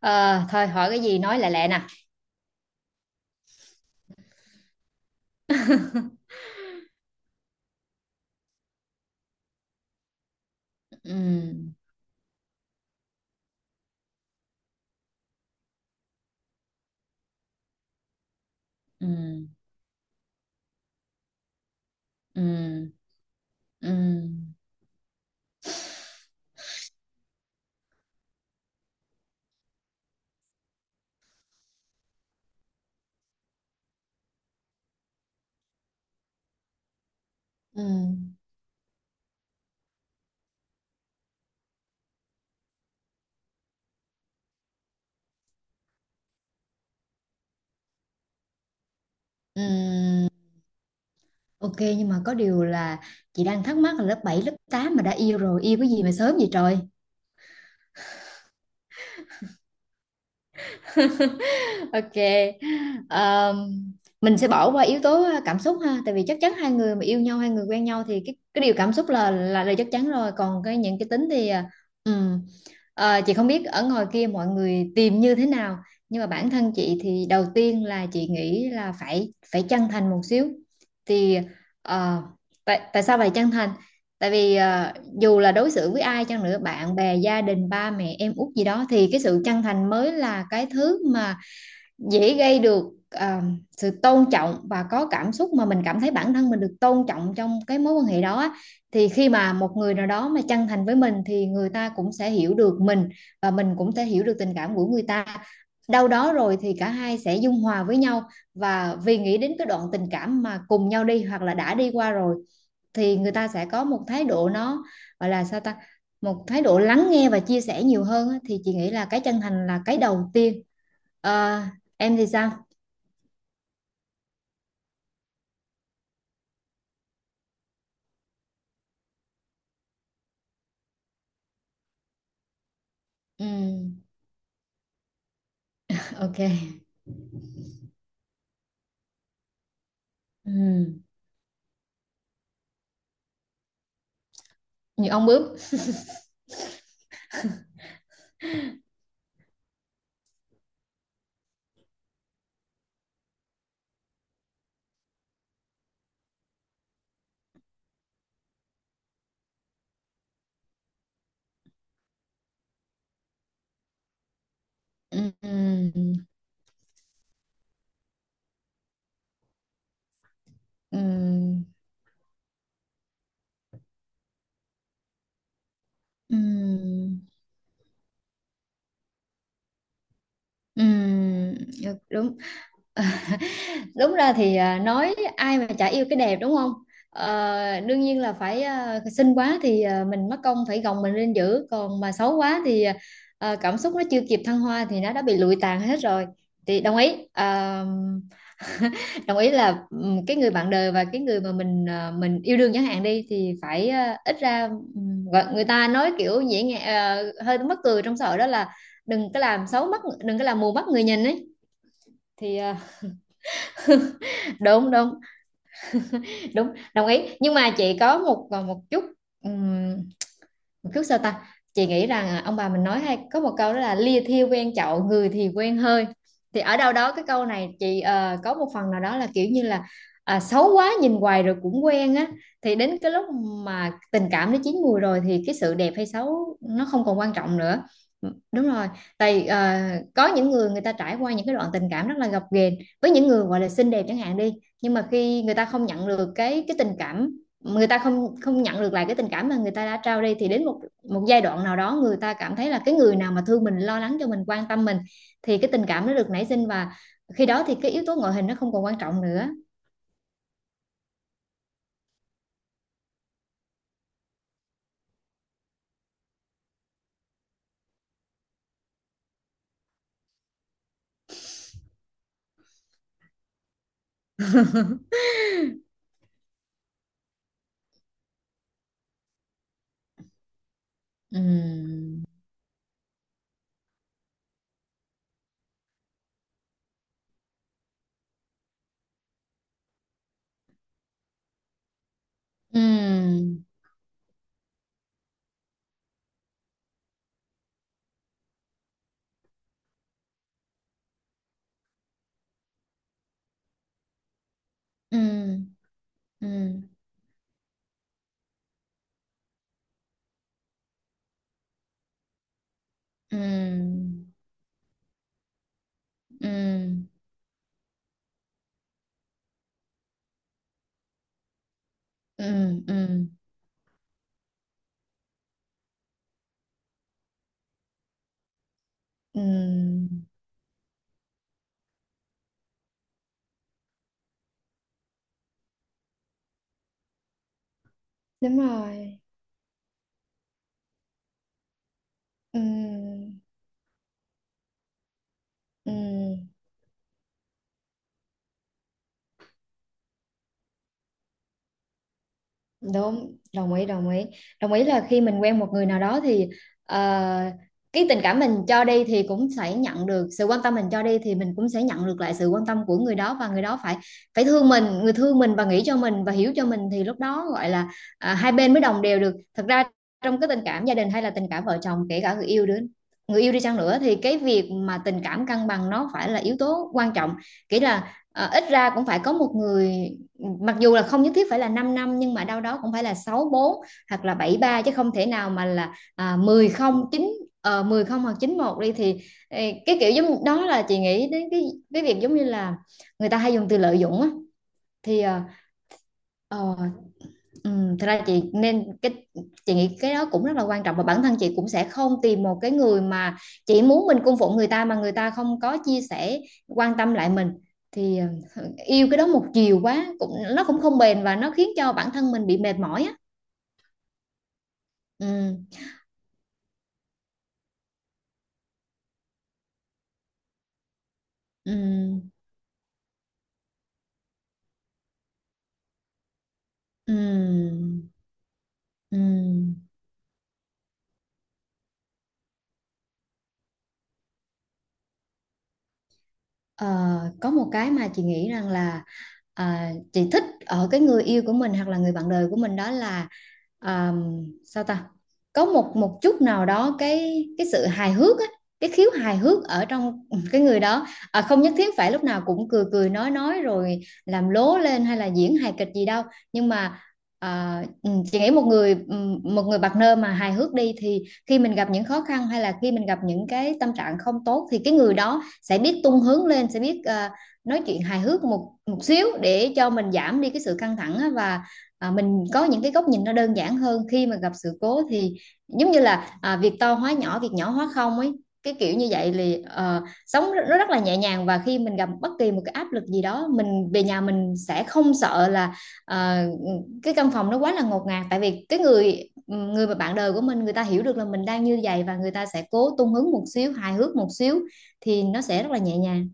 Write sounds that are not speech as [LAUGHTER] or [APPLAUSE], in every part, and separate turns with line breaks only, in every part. Ờ, thôi hỏi cái gì nói lẹ lẹ nè. [LAUGHS] Ừ, ừ, ừ, ừ, ừ, ừ. OK, nhưng mà có điều là chị đang thắc mắc là lớp 7 lớp 8 mà đã yêu rồi, yêu cái gì mà sớm vậy trời? [LAUGHS] OK. Ờm, mình sẽ bỏ qua yếu tố cảm xúc ha, tại vì chắc chắn hai người mà yêu nhau, hai người quen nhau thì cái điều cảm xúc là chắc chắn rồi, còn cái những cái tính thì ừ. Chị không biết ở ngoài kia mọi người tìm như thế nào, nhưng mà bản thân chị thì đầu tiên là chị nghĩ là phải phải chân thành một xíu thì ờ, tại tại sao phải chân thành? Tại vì dù là đối xử với ai chăng nữa, bạn bè, gia đình, ba mẹ, em út gì đó thì cái sự chân thành mới là cái thứ mà dễ gây được à, sự tôn trọng, và có cảm xúc mà mình cảm thấy bản thân mình được tôn trọng trong cái mối quan hệ đó. Thì khi mà một người nào đó mà chân thành với mình thì người ta cũng sẽ hiểu được mình, và mình cũng sẽ hiểu được tình cảm của người ta. Đâu đó rồi thì cả hai sẽ dung hòa với nhau, và vì nghĩ đến cái đoạn tình cảm mà cùng nhau đi hoặc là đã đi qua rồi thì người ta sẽ có một thái độ nó gọi là sao ta, một thái độ lắng nghe và chia sẻ nhiều hơn. Thì chị nghĩ là cái chân thành là cái đầu tiên. Ờ, em thì sao? Ừ, OK. Ừ, như ông bướm. Ừ, ừ, ừ, ừ, ừ, được, đúng. Ờ, Đúng ra thì nói ai mà chả yêu cái đẹp, đúng không? Đương nhiên là phải, xinh quá thì mình mất công phải gồng mình lên giữ. Còn mà xấu quá thì cảm xúc nó chưa kịp thăng hoa thì nó đã bị lụi tàn hết rồi. Thì đồng ý. Ờ, [LAUGHS] Đồng ý là cái người bạn đời và cái người mà mình yêu đương chẳng hạn đi thì phải, ít ra người ta nói kiểu dễ nghe, hơi mắc cười trong xã hội, đó là đừng có làm xấu mắt, đừng có làm mù mắt người nhìn ấy. Thì [LAUGHS] đúng, đúng, đúng. Đồng ý, nhưng mà chị có một một chút, chút, sao ta, chị nghĩ rằng ông bà mình nói hay có một câu đó là lia thiêu quen chậu, người thì quen hơi. Thì ở đâu đó cái câu này chị có một phần nào đó là kiểu như là xấu quá nhìn hoài rồi cũng quen á, thì đến cái lúc mà tình cảm nó chín mùi rồi thì cái sự đẹp hay xấu nó không còn quan trọng nữa. Ừ, đúng rồi. Tại có những người, người ta trải qua những cái đoạn tình cảm rất là gập ghềnh với những người gọi là xinh đẹp chẳng hạn đi, nhưng mà khi người ta không nhận được cái tình cảm, người ta không không nhận được lại cái tình cảm mà người ta đã trao đi, thì đến một một giai đoạn nào đó người ta cảm thấy là cái người nào mà thương mình, lo lắng cho mình, quan tâm mình thì cái tình cảm nó được nảy sinh, và khi đó thì cái yếu tố ngoại hình nó không còn quan trọng nữa. Ừm. Ừm. Ừm. Ừm. Ừm. Ừm. Ừm. Ừm. Ừm. Đúng rồi. Ừm. Ừm. Đúng, đồng ý, đồng ý. Đồng ý là khi mình quen một người nào đó thì ờ, cái tình cảm mình cho đi thì cũng sẽ nhận được sự quan tâm, mình cho đi thì mình cũng sẽ nhận được lại sự quan tâm của người đó, và người đó phải phải thương mình, người thương mình và nghĩ cho mình và hiểu cho mình thì lúc đó gọi là hai bên mới đồng đều được. Thật ra trong cái tình cảm gia đình hay là tình cảm vợ chồng, kể cả người yêu đứa, người yêu đi chăng nữa thì cái việc mà tình cảm cân bằng nó phải là yếu tố quan trọng, kỹ là ít ra cũng phải có một người, mặc dù là không nhất thiết phải là 5 năm, nhưng mà đâu đó cũng phải là sáu bốn hoặc là bảy ba, chứ không thể nào mà là 10 không chín, 10 không hoặc chín một đi thì, ê, cái kiểu giống đó là chị nghĩ đến cái việc giống như là người ta hay dùng từ lợi dụng á. Thì ờ, ừ, thật ra chị nên cái, chị nghĩ cái đó cũng rất là quan trọng, và bản thân chị cũng sẽ không tìm một cái người mà chỉ muốn mình cung phụng người ta mà người ta không có chia sẻ, quan tâm lại mình. Thì ừ, yêu cái đó một chiều quá cũng, nó cũng không bền và nó khiến cho bản thân mình bị mệt mỏi á. Ừ, ừ, ừ, ừ. Ừ. Ờ, có một cái mà chị nghĩ rằng là chị thích ở cái người yêu của mình hoặc là người bạn đời của mình, đó là à, sao ta, có một một chút nào đó, cái sự hài hước á, cái khiếu hài hước ở trong [LAUGHS] cái người đó. Không nhất thiết phải lúc nào cũng cười cười nói rồi làm lố lên hay là diễn hài kịch gì đâu, nhưng mà chị nghĩ một người, một người partner mà hài hước đi, thì khi mình gặp những khó khăn hay là khi mình gặp những cái tâm trạng không tốt thì cái người đó sẽ biết tung hướng lên, sẽ biết nói chuyện hài hước một một xíu để cho mình giảm đi cái sự căng thẳng á, và mình có những cái góc nhìn nó đơn giản hơn khi mà gặp sự cố. Thì giống như là việc to hóa nhỏ, việc nhỏ hóa không ấy, cái kiểu như vậy. Thì sống nó rất là nhẹ nhàng, và khi mình gặp bất kỳ một cái áp lực gì đó mình về nhà, mình sẽ không sợ là ờ, cái căn phòng nó quá là ngột ngạt, tại vì cái người người mà bạn đời của mình, người ta hiểu được là mình đang như vậy và người ta sẽ cố tung hứng một xíu, hài hước một xíu, thì nó sẽ rất là nhẹ nhàng.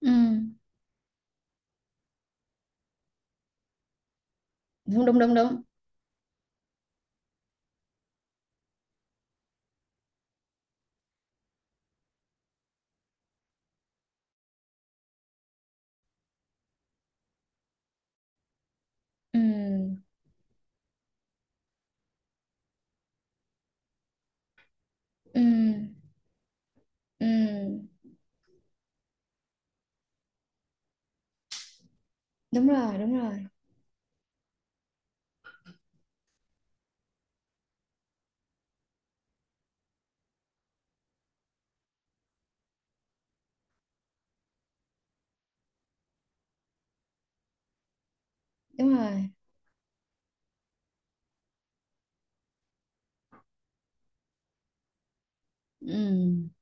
Ừ, đúng, đúng, đúng, đúng. Ừ, ừ, ừ, đúng rồi, đúng rồi, đúng rồi. Ừ,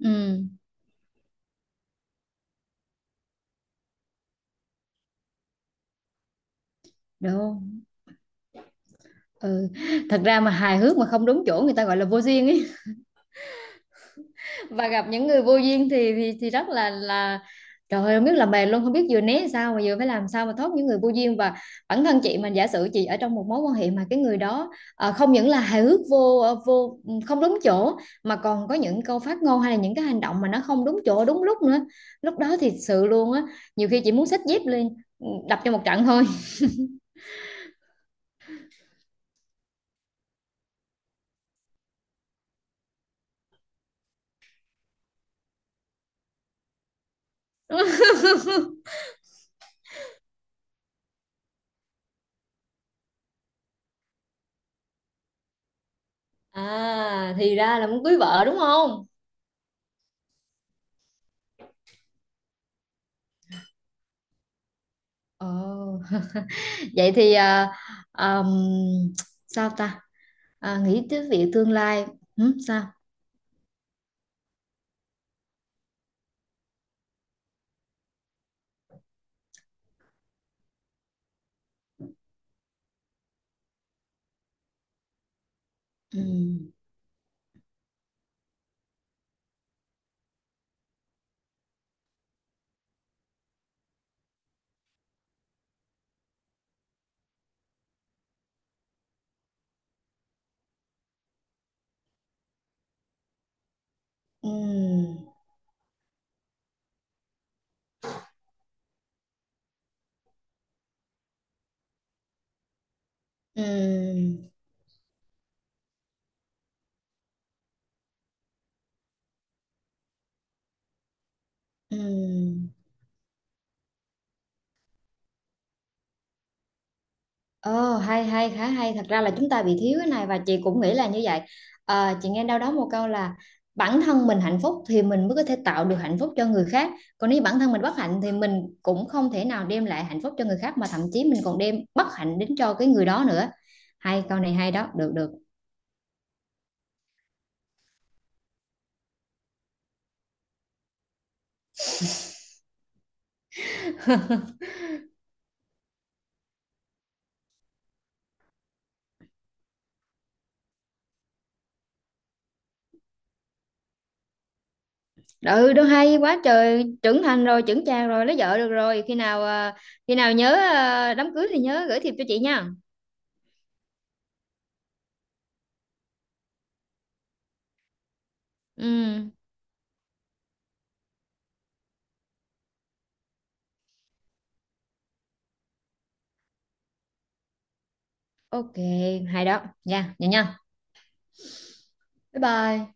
ừ, đúng. Ừ. Thật ra mà hài hước mà không đúng chỗ người ta gọi là vô duyên ấy, và gặp những người vô duyên thì rất là trời ơi, không biết làm bè luôn, không biết vừa né sao mà vừa phải làm sao mà thoát những người vô duyên. Và bản thân chị, mà giả sử chị ở trong một mối quan hệ mà cái người đó không những là hài hước vô ờ, vô ừ, không đúng chỗ, mà còn có những câu phát ngôn hay là những cái hành động mà nó không đúng chỗ đúng lúc nữa, lúc đó thì sự luôn á, nhiều khi chị muốn xách dép lên, ừ, đập cho một trận thôi. À, thì ra là muốn cưới vợ đúng không? Ồ, vậy thì ờm, sao ta, nghĩ tới việc tương lai. Ừ, sao? Ừ, ừ, ừ, ừ. Ồ, hay hay, khá hay. Thật ra là chúng ta bị thiếu cái này và chị cũng nghĩ là như vậy. Chị nghe đâu đó một câu là bản thân mình hạnh phúc thì mình mới có thể tạo được hạnh phúc cho người khác. Còn nếu bản thân mình bất hạnh thì mình cũng không thể nào đem lại hạnh phúc cho người khác, mà thậm chí mình còn đem bất hạnh đến cho cái người đó nữa. Hay, câu này hay đó, được được. Ừ, đâu, hay quá trời, trưởng thành rồi, trưởng chàng rồi, lấy vợ được rồi. Khi nào nhớ đám cưới thì nhớ gửi thiệp cho chị nha. Ừ, OK, hay đó nha, vậy nha, bye bye.